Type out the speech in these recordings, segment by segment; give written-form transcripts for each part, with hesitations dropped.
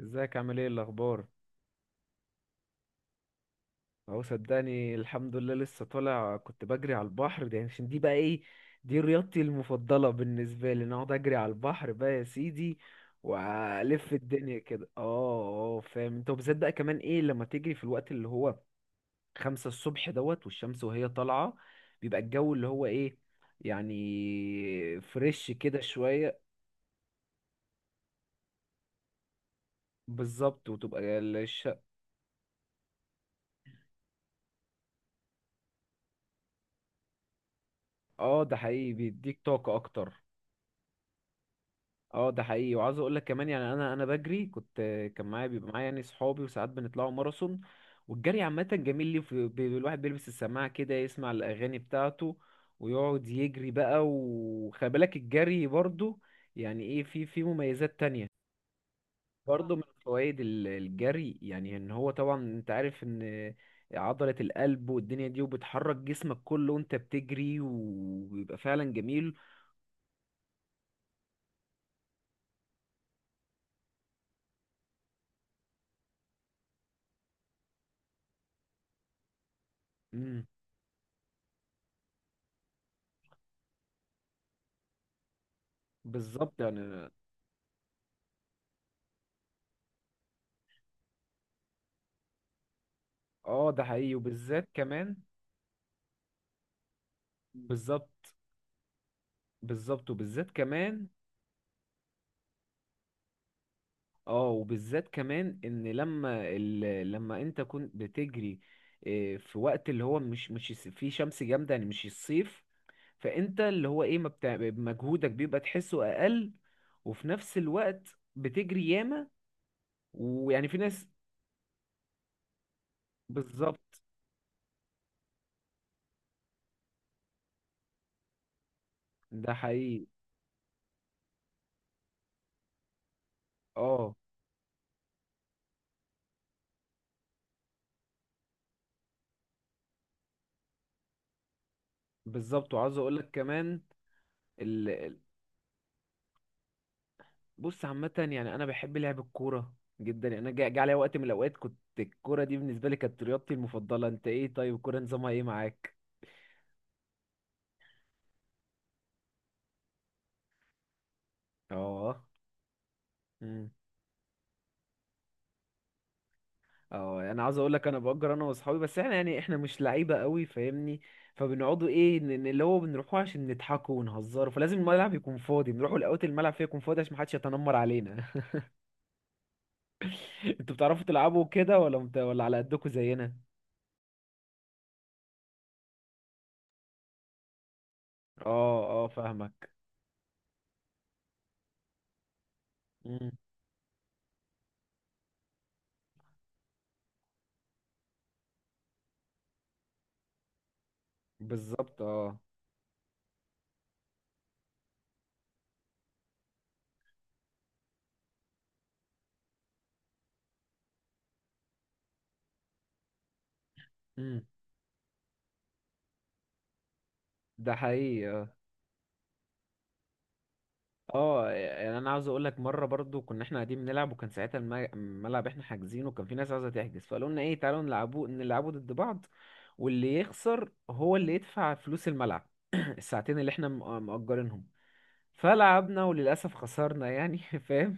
ازيك عامل ايه الاخبار. اهو صدقني الحمد لله، لسه طالع كنت بجري على البحر، ده يعني عشان دي بقى ايه، دي رياضتي المفضله بالنسبه لي، ان اقعد اجري على البحر بقى يا سيدي والف الدنيا كده. اه اه، فاهم انت، وبالذات بقى كمان ايه لما تجري في الوقت اللي هو 5 الصبح دوت، والشمس وهي طالعه، بيبقى الجو اللي هو ايه، يعني فريش كده شويه. بالظبط، وتبقى اه ده حقيقي بيديك طاقه اكتر. اه ده حقيقي، وعاوز اقول لك كمان يعني انا بجري كنت، كان معايا بيبقى معايا يعني صحابي، وساعات بنطلعوا ماراثون. والجري عامه جميل، ليه الواحد بيلبس السماعه كده يسمع الاغاني بتاعته ويقعد يجري بقى. وخلي بالك الجري برضو يعني ايه في مميزات تانية. برضو من فوائد الجري، يعني ان هو طبعا انت عارف ان عضلة القلب والدنيا دي، وبتحرك جسمك كله وانت بتجري، وبيبقى فعلا جميل. امم. بالظبط يعني. اه ده حقيقي وبالذات كمان. بالظبط. بالظبط وبالذات كمان. اه وبالذات كمان ان لما انت كنت بتجري إيه، في وقت اللي هو مش فيه شمس جامدة يعني مش الصيف، فانت اللي هو ايه ما بتاع... مجهودك بيبقى تحسه اقل، وفي نفس الوقت بتجري ياما. ويعني في ناس. بالظبط. ده حقيقي اه. بالظبط وعاوز اقولك كمان. بص عامة يعني أنا بحب لعب الكورة جدا، يعني أنا جا عليا وقت من الأوقات كنت الكورة دي بالنسبة لي كانت رياضتي المفضلة. أنت إيه طيب، الكورة نظامها إيه معاك؟ أه. أمم. أه يعني أنا عاوز أقول لك، أنا بأجر أنا وأصحابي، بس إحنا يعني إحنا مش لعيبة قوي فاهمني، فبنقعدوا إيه اللي هو بنروحوا عشان نضحكوا ونهزروا، فلازم الملعب يكون فاضي، بنروحوا الأوقات الملعب فيه يكون فاضي عشان محدش يتنمر علينا. أنتوا بتعرفوا تلعبوا كده ولا ولا على قدكوا زينا؟ أه أه فاهمك. أمم. بالظبط أه. أمم. ده حقيقي آه. اه يعني انا عاوز اقول لك، مره برضو كنا احنا قاعدين بنلعب، وكان ساعتها الملعب احنا حاجزينه، وكان في ناس عاوزه تحجز، فقالوا لنا ايه تعالوا نلعبوا نلعبوا ضد بعض، واللي يخسر هو اللي يدفع فلوس الملعب. الساعتين اللي احنا مأجرينهم، فلعبنا وللاسف خسرنا يعني فاهم.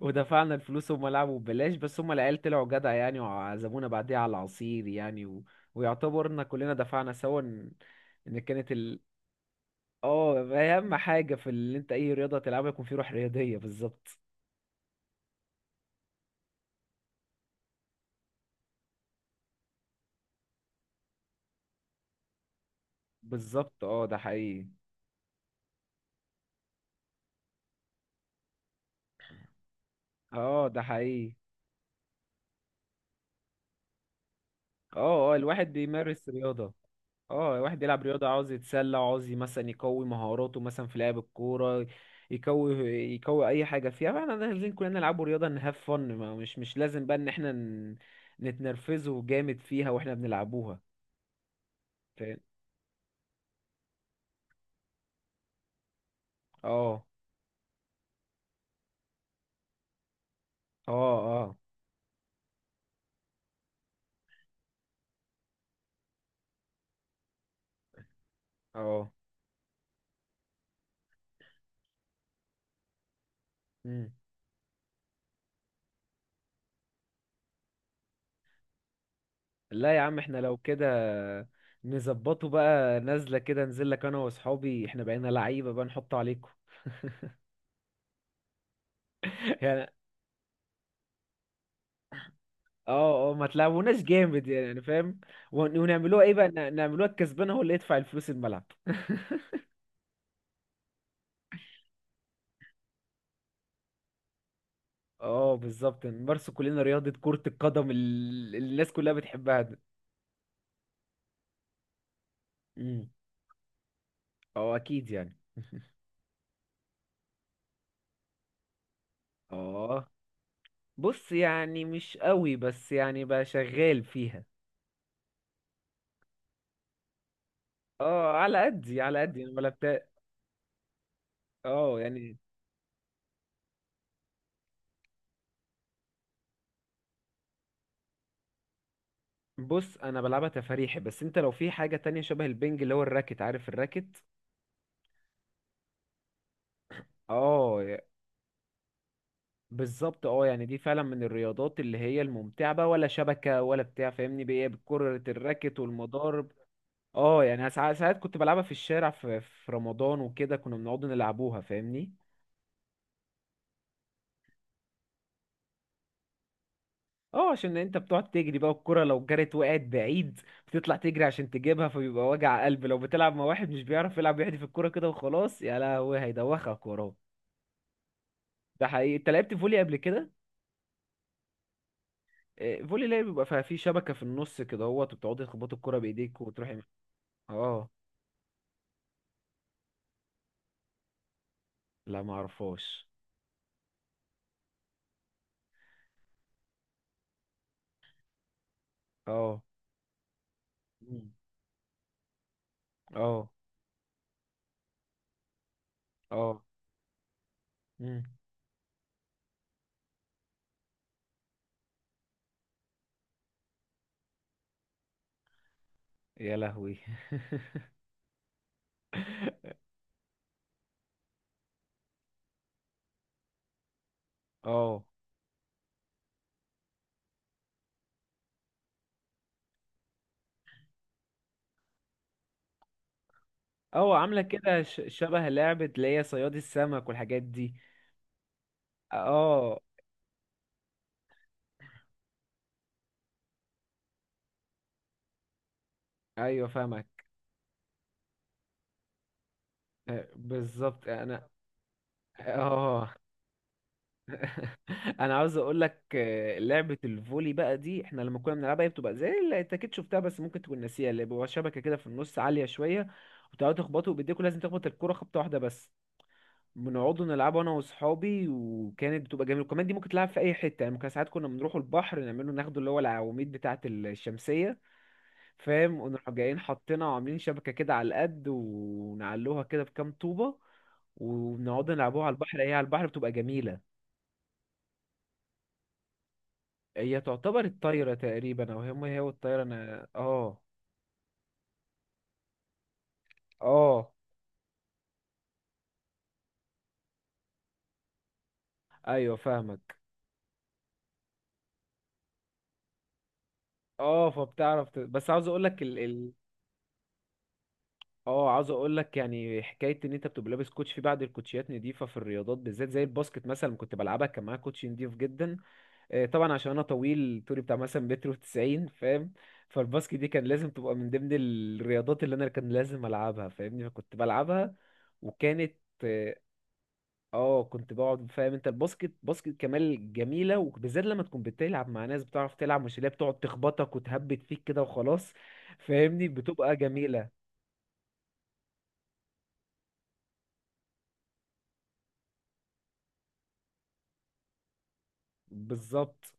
ودفعنا الفلوس، هم لعبوا ببلاش، بس هم العيال طلعوا جدع يعني، وعزمونا بعديها على العصير يعني ويعتبرنا كلنا دفعنا سوا ان، إن كانت. اه اهم حاجه في اللي انت اي رياضه تلعبها يكون في روح رياضيه، بالظبط. بالظبط اه ده حقيقي. اه ده حقيقي. اه اه الواحد بيمارس رياضه. اه الواحد يلعب رياضه، عاوز يتسلى، عاوز مثلا يقوي مهاراته مثلا في لعب الكوره، يقوي، يقوي اي حاجه فيها، فاحنا لازم كلنا نلعبوا رياضه نهاف فن، مش لازم بقى ان احنا نتنرفزه جامد فيها واحنا بنلعبوها. فاهم. اه. اه. اه. اه. مم. لا يا عم، احنا لو كده نظبطه بقى نازله كده، انزل لك انا واصحابي احنا بقينا لعيبه بقى نحطه عليكم. يعني اه اه ما تلعبوناش جامد يعني فاهم، ونعملوها ايه بقى نعملوها الكسبان هو اللي يدفع الفلوس الملعب. اه بالظبط نمارسوا كلنا رياضه كره القدم، اللي الناس كلها بتحبها دي. امم. اه اكيد يعني. اه بص يعني مش قوي، بس يعني بقى شغال فيها. اه على قدي، على قدي انا ما لعبتها. اه يعني. بص انا بلعبها تفاريحي، بس انت لو في حاجة تانية شبه البنج اللي هو الراكت، عارف الراكت؟ اه بالظبط. اه يعني دي فعلا من الرياضات اللي هي الممتعة، بقى ولا شبكة ولا بتاع فاهمني بايه بكرة الراكت والمضارب. اه يعني ساعات، ساعات كنت بلعبها في الشارع في، في رمضان وكده، كنا بنقعد نلعبوها فاهمني. اه عشان انت بتقعد تجري بقى، الكرة لو جرت وقعت بعيد بتطلع تجري عشان تجيبها، فبيبقى وجع قلب لو بتلعب مع واحد مش بيعرف يلعب، يحدف الكرة كده وخلاص، يا لهوي هيدوخك وراه. ده حقيقي، انت لعبت فولي قبل كده؟ آه، فولي لعب بيبقى فيها في شبكة في النص كده اهوت، وبتقعدي تخبطي الكرة بايديك وتروحي. اه. لا ما اعرفهاش. اه. مم. اه. اه. مم. يا لهوي. اه. اه عاملة كده شبه لعبة اللي هي صياد السمك والحاجات دي. اه. ايوه فاهمك. آه، بالظبط انا. اه. انا عاوز اقول لك آه، لعبه الفولي بقى دي احنا لما كنا بنلعبها، هي بتبقى زي اللي انت اكيد شفتها بس ممكن تكون ناسيها، اللي بيبقى شبكه كده في النص عاليه شويه، وتقعدوا تخبطوا بايديكوا، لازم تخبط الكره خبطه واحده بس. بنقعدوا نلعبها انا واصحابي، وكانت بتبقى جميله. وكمان دي ممكن تلعب في اي حته يعني، ممكن ساعات كنا بنروحوا البحر نعمله، ناخده اللي هو العواميد بتاعه الشمسيه فاهم، ونروح جايين حاطينها وعاملين شبكه كده على القد، ونعلوها كده بكام طوبه، وبنقعد نلعبوها على البحر، هي على البحر بتبقى جميله. هي تعتبر الطايرة تقريبا، او هم هي والطايرة انا اه. اه ايوه فاهمك. اه فبتعرف بس عاوز اقول لك اه عاوز اقول لك يعني حكايه ان انت بتبقى لابس كوتش، في بعض الكوتشيات نضيفه في الرياضات بالذات، زي الباسكت مثلا كنت بلعبها كان معايا كوتش نضيف جدا. آه، طبعا عشان انا طويل، طولي بتاع مثلا متر و90 فاهم. فالباسكت دي كان لازم تبقى من ضمن الرياضات اللي انا كان لازم العبها فاهمني، فكنت بلعبها وكانت. اه كنت بقعد فاهم انت الباسكت، باسكت كمال جميله، وبالذات لما تكون بتلعب مع ناس بتعرف تلعب، مش اللي هي بتقعد تخبطك وتهبد فيك كده وخلاص فاهمني، بتبقى جميله. بالظبط.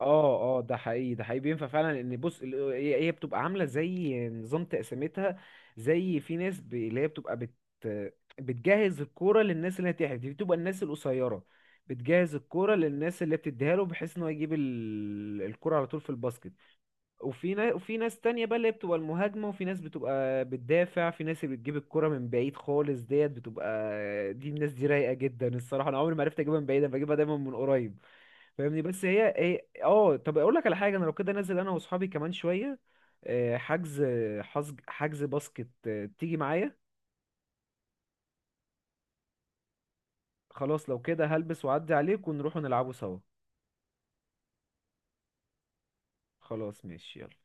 اه اه ده حقيقي، ده حقيقي بينفع فعلا، لان بص هي بتبقى عامله زي نظام تقسيمتها، زي في ناس اللي هي بتبقى بتجهز الكوره للناس اللي هتحرف، دي بتبقى الناس القصيره، بتجهز الكوره للناس اللي بتديها له، بحيث ان هو يجيب الكوره على طول في الباسكت. وفي ناس، وفي ناس تانية بقى اللي هي بتبقى المهاجمة، وفي ناس بتبقى بتدافع، في ناس اللي بتجيب الكرة من بعيد خالص ديت بتبقى، دي الناس دي رايقة جدا الصراحة، أنا عمري ما عرفت أجيبها من بعيد، أنا بجيبها دايما من قريب فاهمني. بس هي إيه أه، طب أقول لك على حاجة، أنا لو كده نازل أنا وأصحابي كمان شوية، آه، حجز، حجز باسكت، آه، تيجي معايا؟ خلاص لو كده هلبس وأعدي عليك ونروح نلعبه سوا. خلاص ماشي يلا.